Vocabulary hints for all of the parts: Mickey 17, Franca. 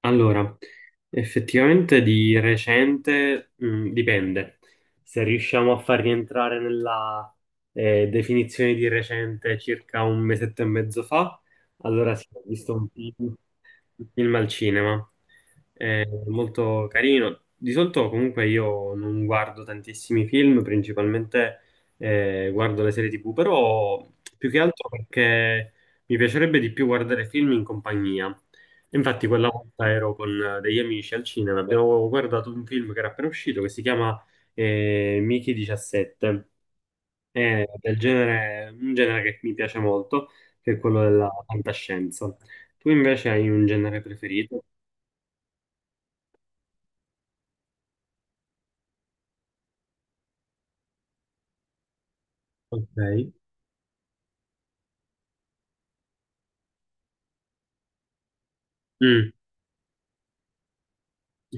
Allora, effettivamente di recente, dipende. Se riusciamo a far rientrare nella definizione di recente circa un mesetto e mezzo fa, allora sì, ho visto un film il film al cinema. È molto carino. Di solito comunque io non guardo tantissimi film, principalmente guardo le serie TV, però più che altro perché mi piacerebbe di più guardare film in compagnia. E infatti quella volta ero con degli amici al cinema, abbiamo guardato un film che era appena uscito che si chiama Mickey 17. È del genere, un genere che mi piace molto, che è quello della fantascienza. Tu invece hai un genere preferito? Ok. Mm,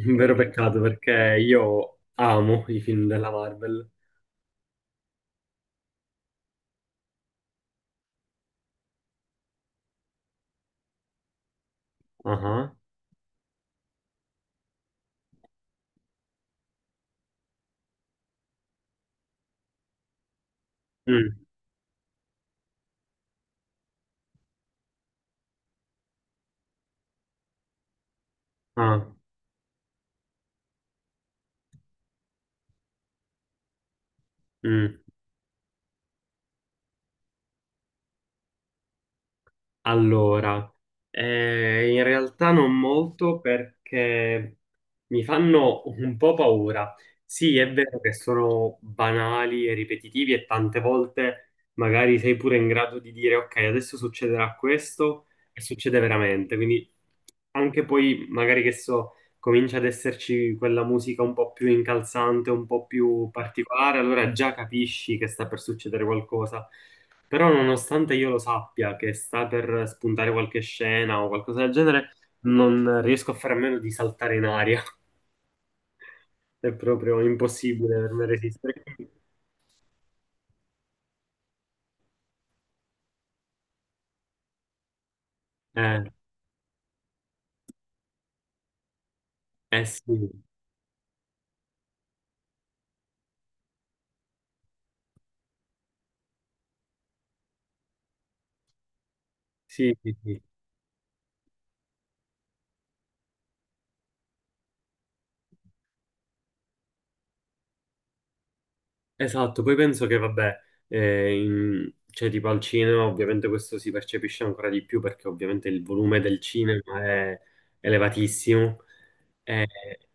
un vero peccato perché io amo i film della Marvel. Ah, ah. Mm, ah, mm. Allora, in realtà non molto perché mi fanno un po' paura. Sì, è vero che sono banali e ripetitivi e tante volte magari sei pure in grado di dire ok, adesso succederà questo e succede veramente. Quindi anche poi magari che so comincia ad esserci quella musica un po' più incalzante, un po' più particolare, allora già capisci che sta per succedere qualcosa. Però nonostante io lo sappia che sta per spuntare qualche scena o qualcosa del genere, non riesco a fare a meno di saltare in aria. È proprio impossibile per me resistere. Eh, eh sì, sì, sì, sì. Esatto, poi penso che vabbè, cioè tipo al cinema ovviamente questo si percepisce ancora di più perché ovviamente il volume del cinema è elevatissimo, eh,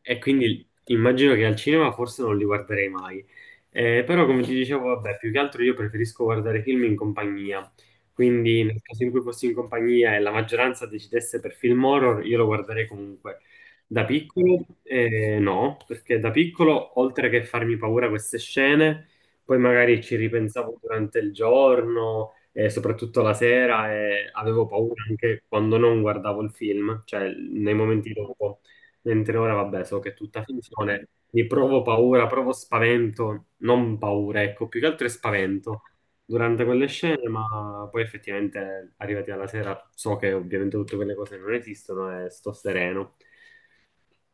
e quindi immagino che al cinema forse non li guarderei mai. Però come ti dicevo, vabbè, più che altro io preferisco guardare film in compagnia, quindi nel caso in cui fossi in compagnia e la maggioranza decidesse per film horror, io lo guarderei comunque. Da piccolo, no, perché da piccolo, oltre che farmi paura queste scene, poi magari ci ripensavo durante il giorno e soprattutto la sera e avevo paura anche quando non guardavo il film, cioè nei momenti dopo. Mentre ora, vabbè, so che è tutta finzione, mi provo paura, provo spavento, non paura, ecco, più che altro è spavento durante quelle scene, ma poi effettivamente arrivati alla sera so che ovviamente tutte quelle cose non esistono e sto sereno.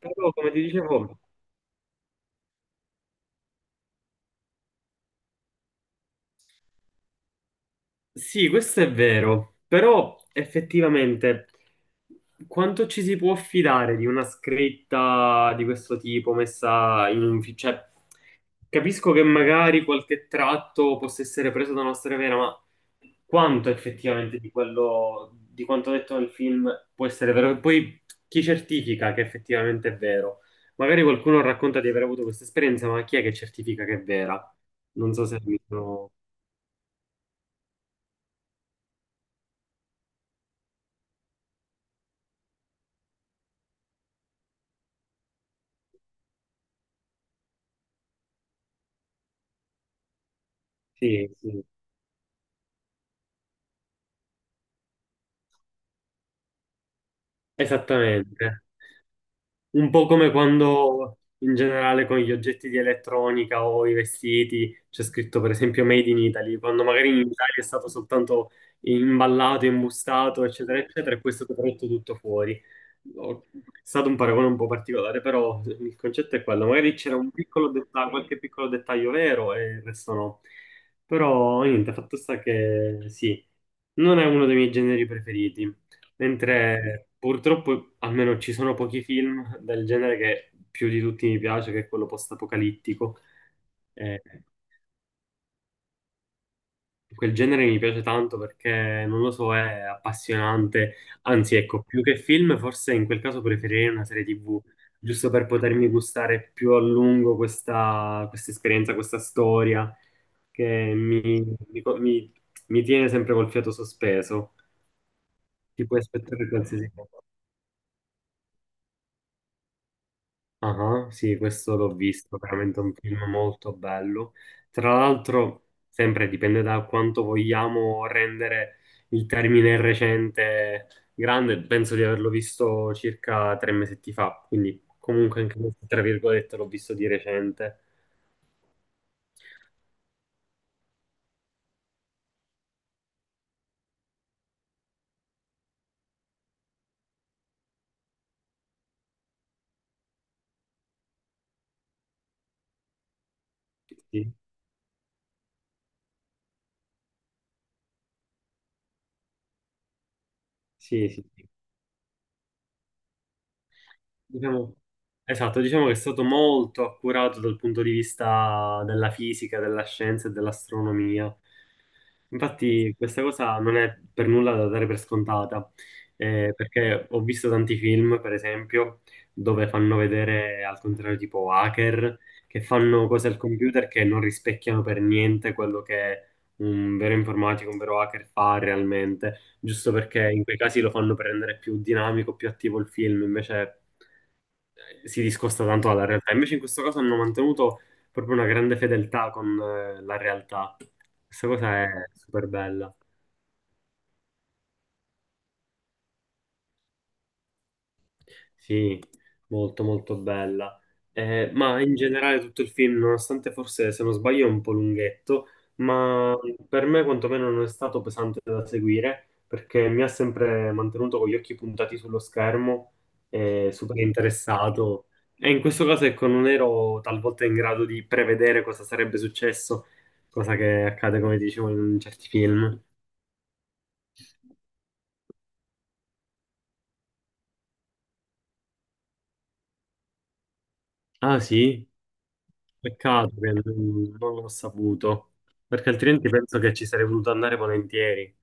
Però, come ti dicevo, sì, questo è vero, però effettivamente quanto ci si può fidare di una scritta di questo tipo messa in un... cioè, capisco che magari qualche tratto possa essere preso da una storia vera, ma quanto effettivamente di quello, di quanto detto nel film può essere vero? E poi chi certifica che effettivamente è vero? Magari qualcuno racconta di aver avuto questa esperienza, ma chi è che certifica che è vera? Non so se mi sono... Sì, sì, esattamente. Un po' come quando in generale con gli oggetti di elettronica o i vestiti c'è scritto per esempio Made in Italy, quando magari in Italia è stato soltanto imballato, imbustato, eccetera, eccetera, e poi è stato prodotto tutto fuori. È stato un paragone un po' particolare, però il concetto è quello. Magari c'era un piccolo dettaglio, qualche piccolo dettaglio vero e il resto no. Però niente, fatto sta che sì, non è uno dei miei generi preferiti. Mentre purtroppo almeno ci sono pochi film del genere che più di tutti mi piace, che è quello post-apocalittico. Eh, quel genere mi piace tanto perché, non lo so, è appassionante. Anzi, ecco, più che film, forse in quel caso preferirei una serie TV, giusto per potermi gustare più a lungo questa esperienza, questa storia che mi, mi mi tiene sempre col fiato sospeso. Ti puoi aspettare qualsiasi cosa. Ah, sì, questo l'ho visto, veramente un film molto bello. Tra l'altro, sempre dipende da quanto vogliamo rendere il termine recente grande, penso di averlo visto circa tre mesetti fa, quindi comunque anche questo, tra virgolette, l'ho visto di recente. Sì, sì, sì, sì. Diciamo, esatto, diciamo che è stato molto accurato dal punto di vista della fisica, della scienza e dell'astronomia. Infatti, questa cosa non è per nulla da dare per scontata, perché ho visto tanti film, per esempio, dove fanno vedere al contrario tipo hacker, che fanno cose al computer che non rispecchiano per niente quello che un vero informatico, un vero hacker fa realmente giusto perché in quei casi lo fanno per rendere più dinamico, più attivo il film, invece si discosta tanto dalla realtà. Invece in questo caso hanno mantenuto proprio una grande fedeltà con la realtà. Questa cosa è super bella. Sì, molto molto bella. Ma in generale tutto il film, nonostante forse se non sbaglio è un po' lunghetto, ma per me quantomeno non è stato pesante da seguire perché mi ha sempre mantenuto con gli occhi puntati sullo schermo, super interessato. E in questo caso, ecco, non ero talvolta in grado di prevedere cosa sarebbe successo, cosa che accade, come dicevo, in certi film. Ah, sì? Peccato che non l'ho saputo, perché altrimenti penso che ci sarei voluto andare volentieri.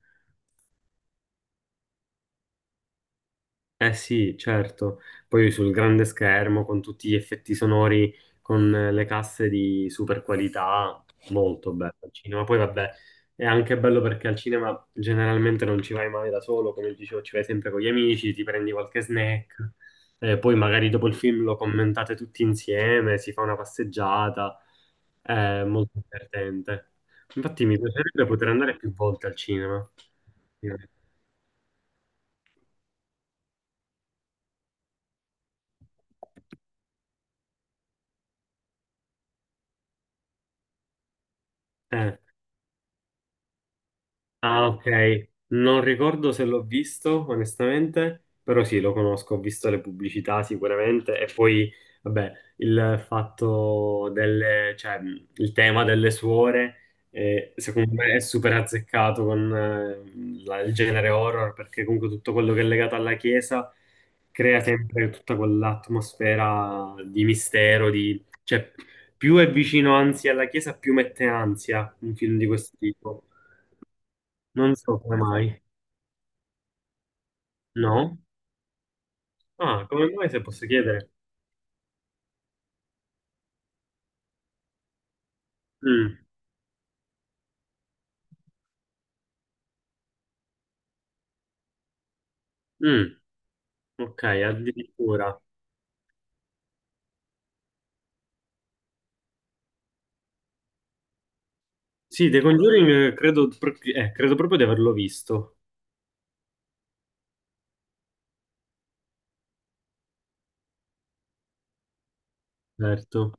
Eh sì, certo. Poi sul grande schermo, con tutti gli effetti sonori, con le casse di super qualità, molto bello al cinema. Poi vabbè, è anche bello perché al cinema generalmente non ci vai mai da solo, come dicevo, ci vai sempre con gli amici, ti prendi qualche snack, poi magari dopo il film lo commentate tutti insieme, si fa una passeggiata, è molto divertente. Infatti mi piacerebbe poter andare più volte al cinema. Eh. Ah, ok. Non ricordo se l'ho visto, onestamente, però sì, lo conosco, ho visto le pubblicità sicuramente e poi, vabbè, il fatto delle, cioè, il tema delle suore, secondo me è super azzeccato con il genere horror, perché comunque tutto quello che è legato alla chiesa crea sempre tutta quell'atmosfera di mistero, di... cioè, più è vicino anzi alla chiesa, più mette ansia un film di questo tipo. Non so come mai. No? Ah, come mai se posso chiedere? Mm, mm, ok, addirittura. Sì, The Conjuring credo proprio di averlo visto, certo.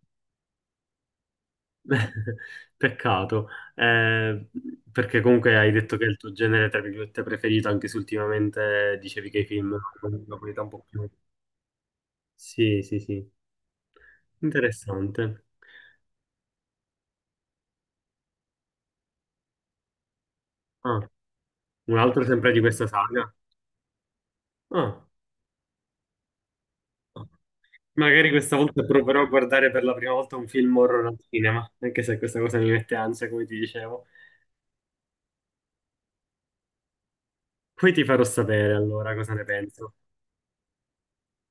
Peccato, eh, perché comunque hai detto che è il tuo genere, tra virgolette, preferito, anche se ultimamente dicevi che i film hanno una qualità un po' più... Sì, sì, sì, interessante. Ah, un altro sempre di questa saga? Ah. Magari questa volta proverò a guardare per la prima volta un film horror al cinema, anche se questa cosa mi mette ansia, come ti dicevo. Poi ti farò sapere allora cosa ne penso.